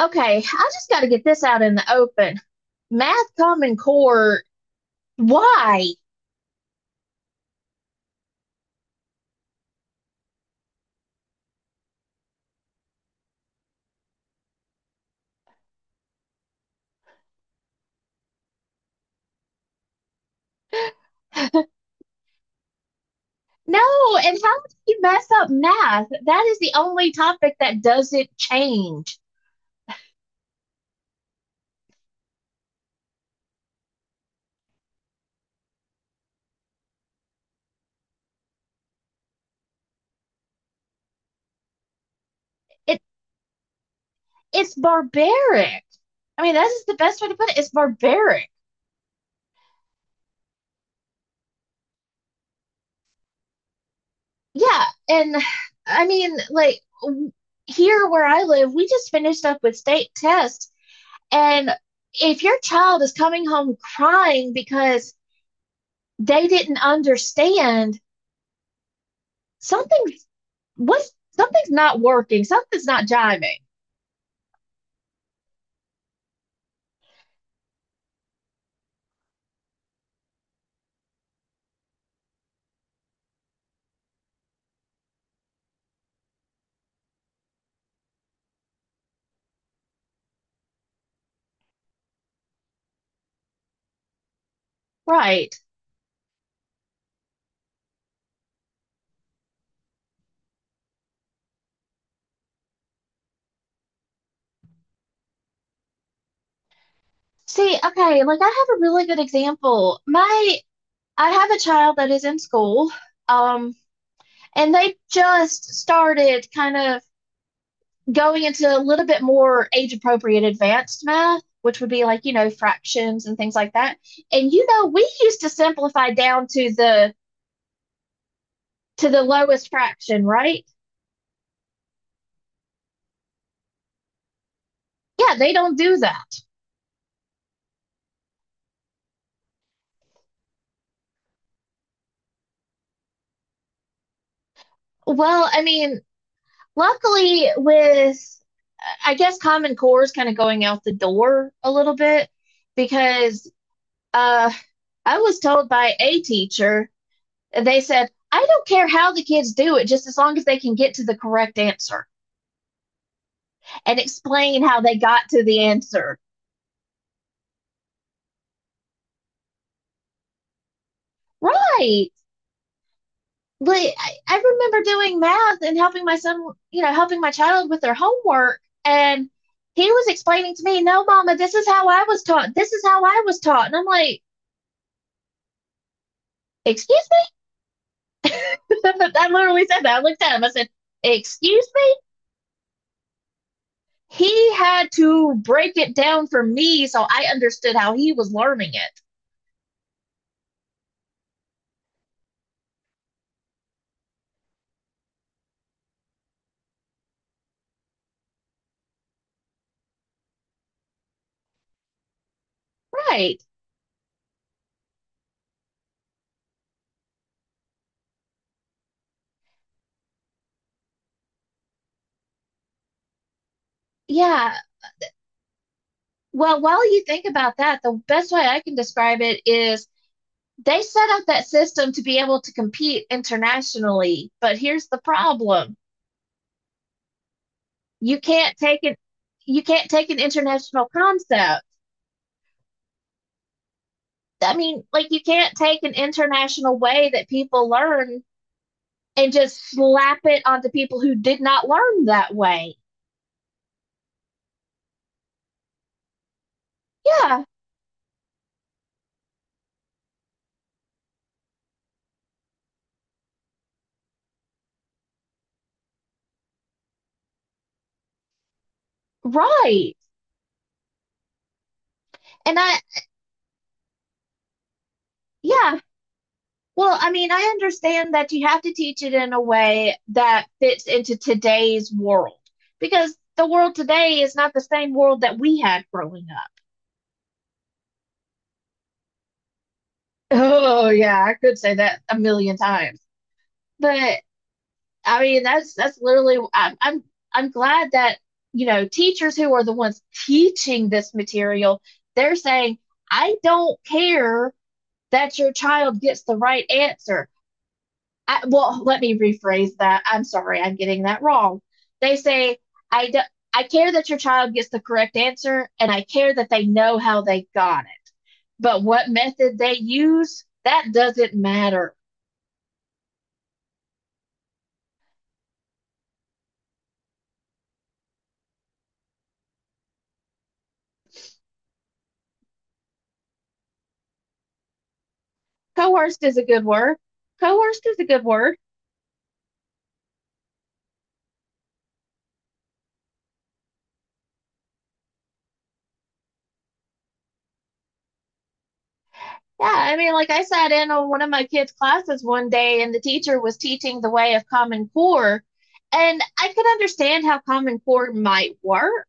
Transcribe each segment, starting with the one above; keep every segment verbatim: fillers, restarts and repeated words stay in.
Okay, I just got to get this out in the open. Math Common Core, why? No, and how do you mess up math? That is the only topic that doesn't change. It it's barbaric. I mean, that is the best way to put it. It's barbaric. Yeah, and I mean, like here where I live, we just finished up with state tests, and if your child is coming home crying because they didn't understand, something what's something's not working, something's not jiving. Right. See, okay, like I have a really good example. My I have a child that is in school, um, and they just started kind of going into a little bit more age appropriate advanced math, which would be like, you know, fractions and things like that. And you know, we used to simplify down to the to the lowest fraction, right? Yeah, they don't do that. Well, I mean, luckily, with I guess Common Core is kind of going out the door a little bit because uh, I was told by a teacher, they said, I don't care how the kids do it, just as long as they can get to the correct answer and explain how they got to the answer. Right. But I, I remember doing math and helping my son, you know, helping my child with their homework. And he was explaining to me, no, mama, this is how I was taught. This is how I was taught. And I'm like, excuse me? I literally said that. I looked at him. I said, excuse me? He had to break it down for me so I understood how he was learning it. Right. Yeah. Well, while you think about that, the best way I can describe it is they set up that system to be able to compete internationally. But here's the problem. You can't take an you can't take an international concept. I mean, like you can't take an international way that people learn and just slap it onto people who did not learn that way. Yeah, right. And I, yeah, well, I mean, I understand that you have to teach it in a way that fits into today's world because the world today is not the same world that we had growing up. Oh, yeah, I could say that a million times. But I mean, that's that's literally I'm I'm, I'm glad that, you know, teachers who are the ones teaching this material, they're saying, "I don't care that your child gets the right answer. I, well, let me rephrase that. I'm sorry, I'm getting that wrong. They say, I, do, I care that your child gets the correct answer, and I care that they know how they got it. But what method they use, that doesn't matter." Coerced is a good word. Coerced is a good word. Yeah, I mean, like I sat in on one of my kids' classes one day, and the teacher was teaching the way of Common Core. And I could understand how Common Core might work,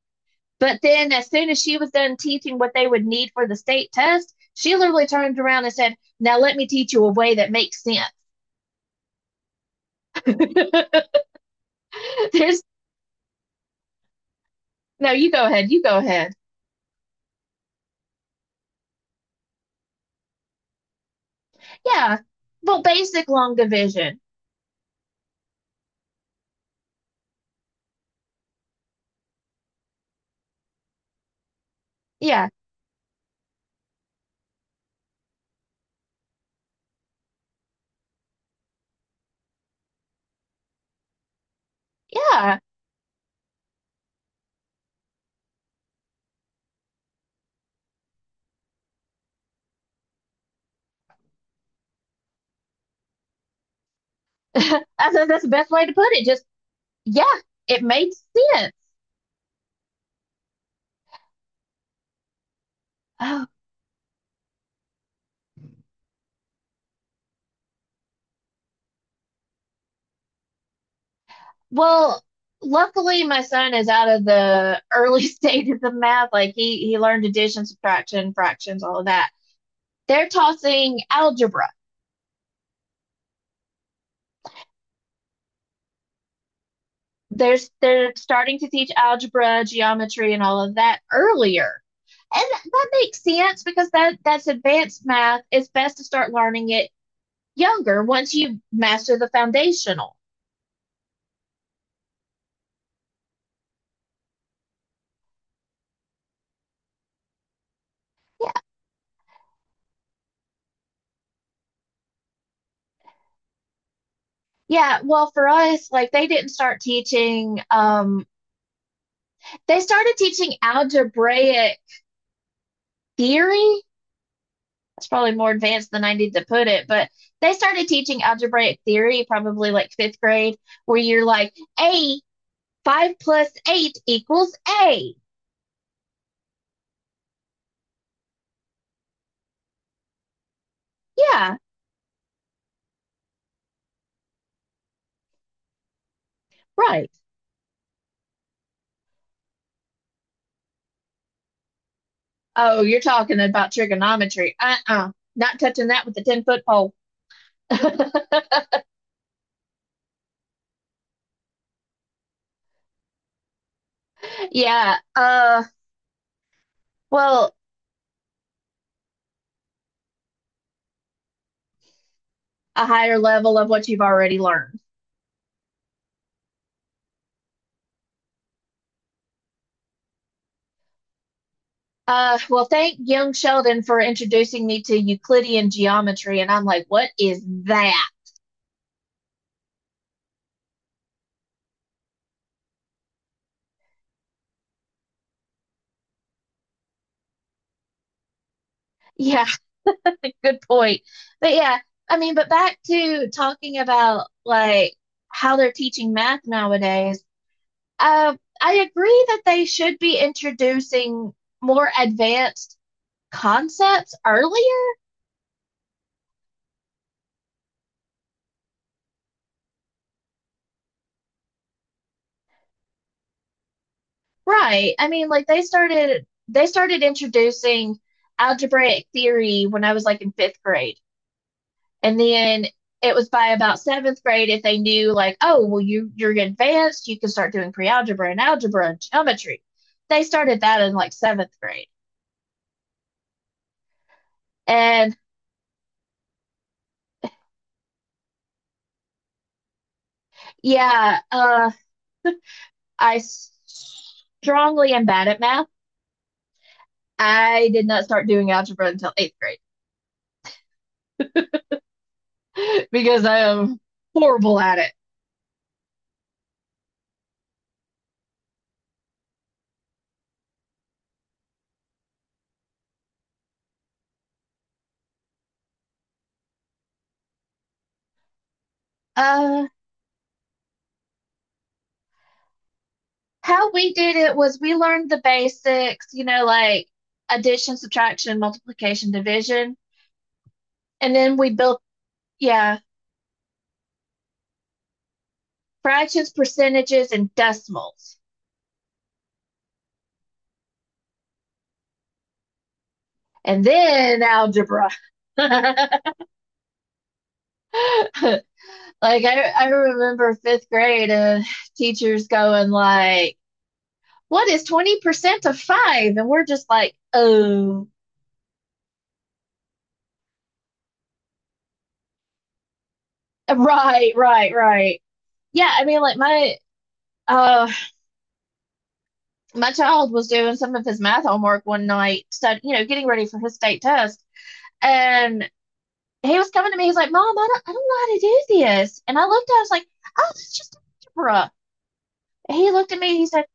but then, as soon as she was done teaching what they would need for the state test, she literally turned around and said, now let me teach you a way that makes sense. There's No, you go ahead, you go ahead. Yeah. Well, basic long division. Yeah. Yeah. I said that's the best way to put it. Just, yeah, it made sense. Oh, well, luckily my son is out of the early stages of math. Like he, he learned addition, subtraction, fractions, all of that. They're tossing algebra. There's They're starting to teach algebra, geometry, and all of that earlier. And that, makes sense because that that's advanced math. It's best to start learning it younger once you master the foundational. Yeah. Yeah, well for us, like they didn't start teaching um they started teaching algebraic theory. That's probably more advanced than I need to put it, but they started teaching algebraic theory probably like fifth grade, where you're like, A, five plus eight equals A. Yeah, right. Oh, you're talking about trigonometry. Uh-uh. Not touching that with a ten foot pole. Yeah. Uh, well, a higher level of what you've already learned. Uh, well, thank young Sheldon for introducing me to Euclidean geometry. And I'm like, what is that? Yeah, good point. But yeah, I mean, but back to talking about like how they're teaching math nowadays. Uh, I agree that they should be introducing more advanced concepts earlier. Right, I mean, like they started they started introducing algebraic theory when I was like in fifth grade. And then it was by about seventh grade. If they knew, like, oh, well, you you're advanced, you can start doing pre-algebra and algebra and geometry. They started that in like seventh grade. And yeah, uh I strongly am bad at math. I did not start doing algebra until eighth grade because I am horrible at it. uh How we did it was we learned the basics, you know, like addition, subtraction, multiplication, division. And then we built, yeah, fractions, percentages, and decimals. And then algebra. Like I, I remember fifth grade, uh, teachers going like, "What is twenty percent of five?" And we're just like, "Oh, right, right, right." Yeah, I mean like my uh my child was doing some of his math homework one night, stud- you know, getting ready for his state test. And he was coming to me. He's like, Mom, I don't, I don't know how to do this. And I looked at him, I was like, oh, it's just algebra. He looked at me. He said,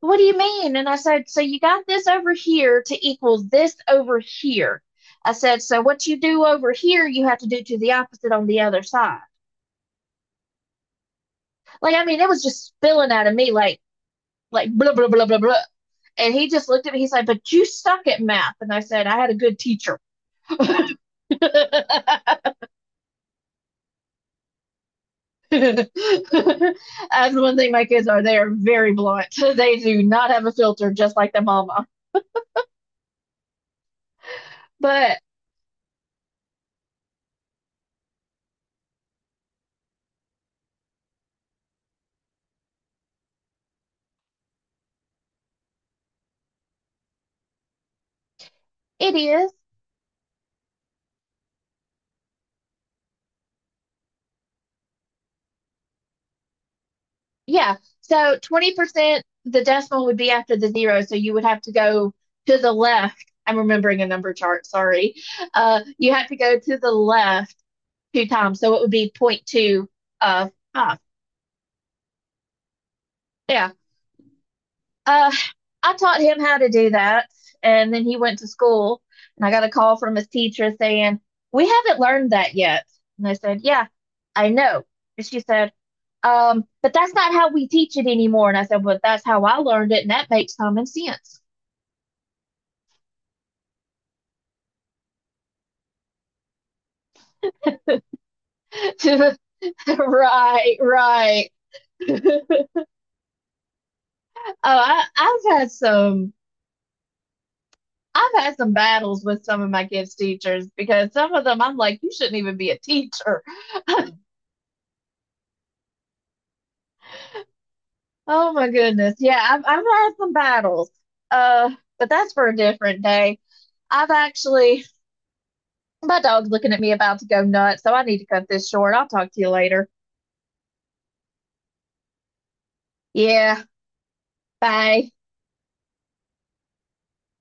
what do you mean? And I said, so you got this over here to equal this over here. I said, so what you do over here, you have to do to the opposite on the other side. Like, I mean, it was just spilling out of me like, like blah, blah, blah, blah, blah. And he just looked at me. He's like, but you suck at math. And I said, I had a good teacher. That's one thing my kids are. They are very blunt. They do not have a filter, just like their mama. But it is. Yeah. So twenty percent, the decimal would be after the zero. So you would have to go to the left. I'm remembering a number chart. Sorry. Uh, you have to go to the left two times. So it would be zero point zero point two of five. Yeah. Uh, I taught him how to do that, and then he went to school, and I got a call from his teacher saying, "We haven't learned that yet." And I said, "Yeah, I know." And she said, um, "But that's not how we teach it anymore." And I said, "Well, that's how I learned it, and that makes common sense." Right, right. Oh, I, I've had some. I've had some battles with some of my kids' teachers because some of them I'm like, you shouldn't even be a teacher. Oh my goodness. Yeah, I've I've had some battles. Uh, but that's for a different day. I've actually my dog's looking at me about to go nuts, so I need to cut this short. I'll talk to you later. Yeah, bye.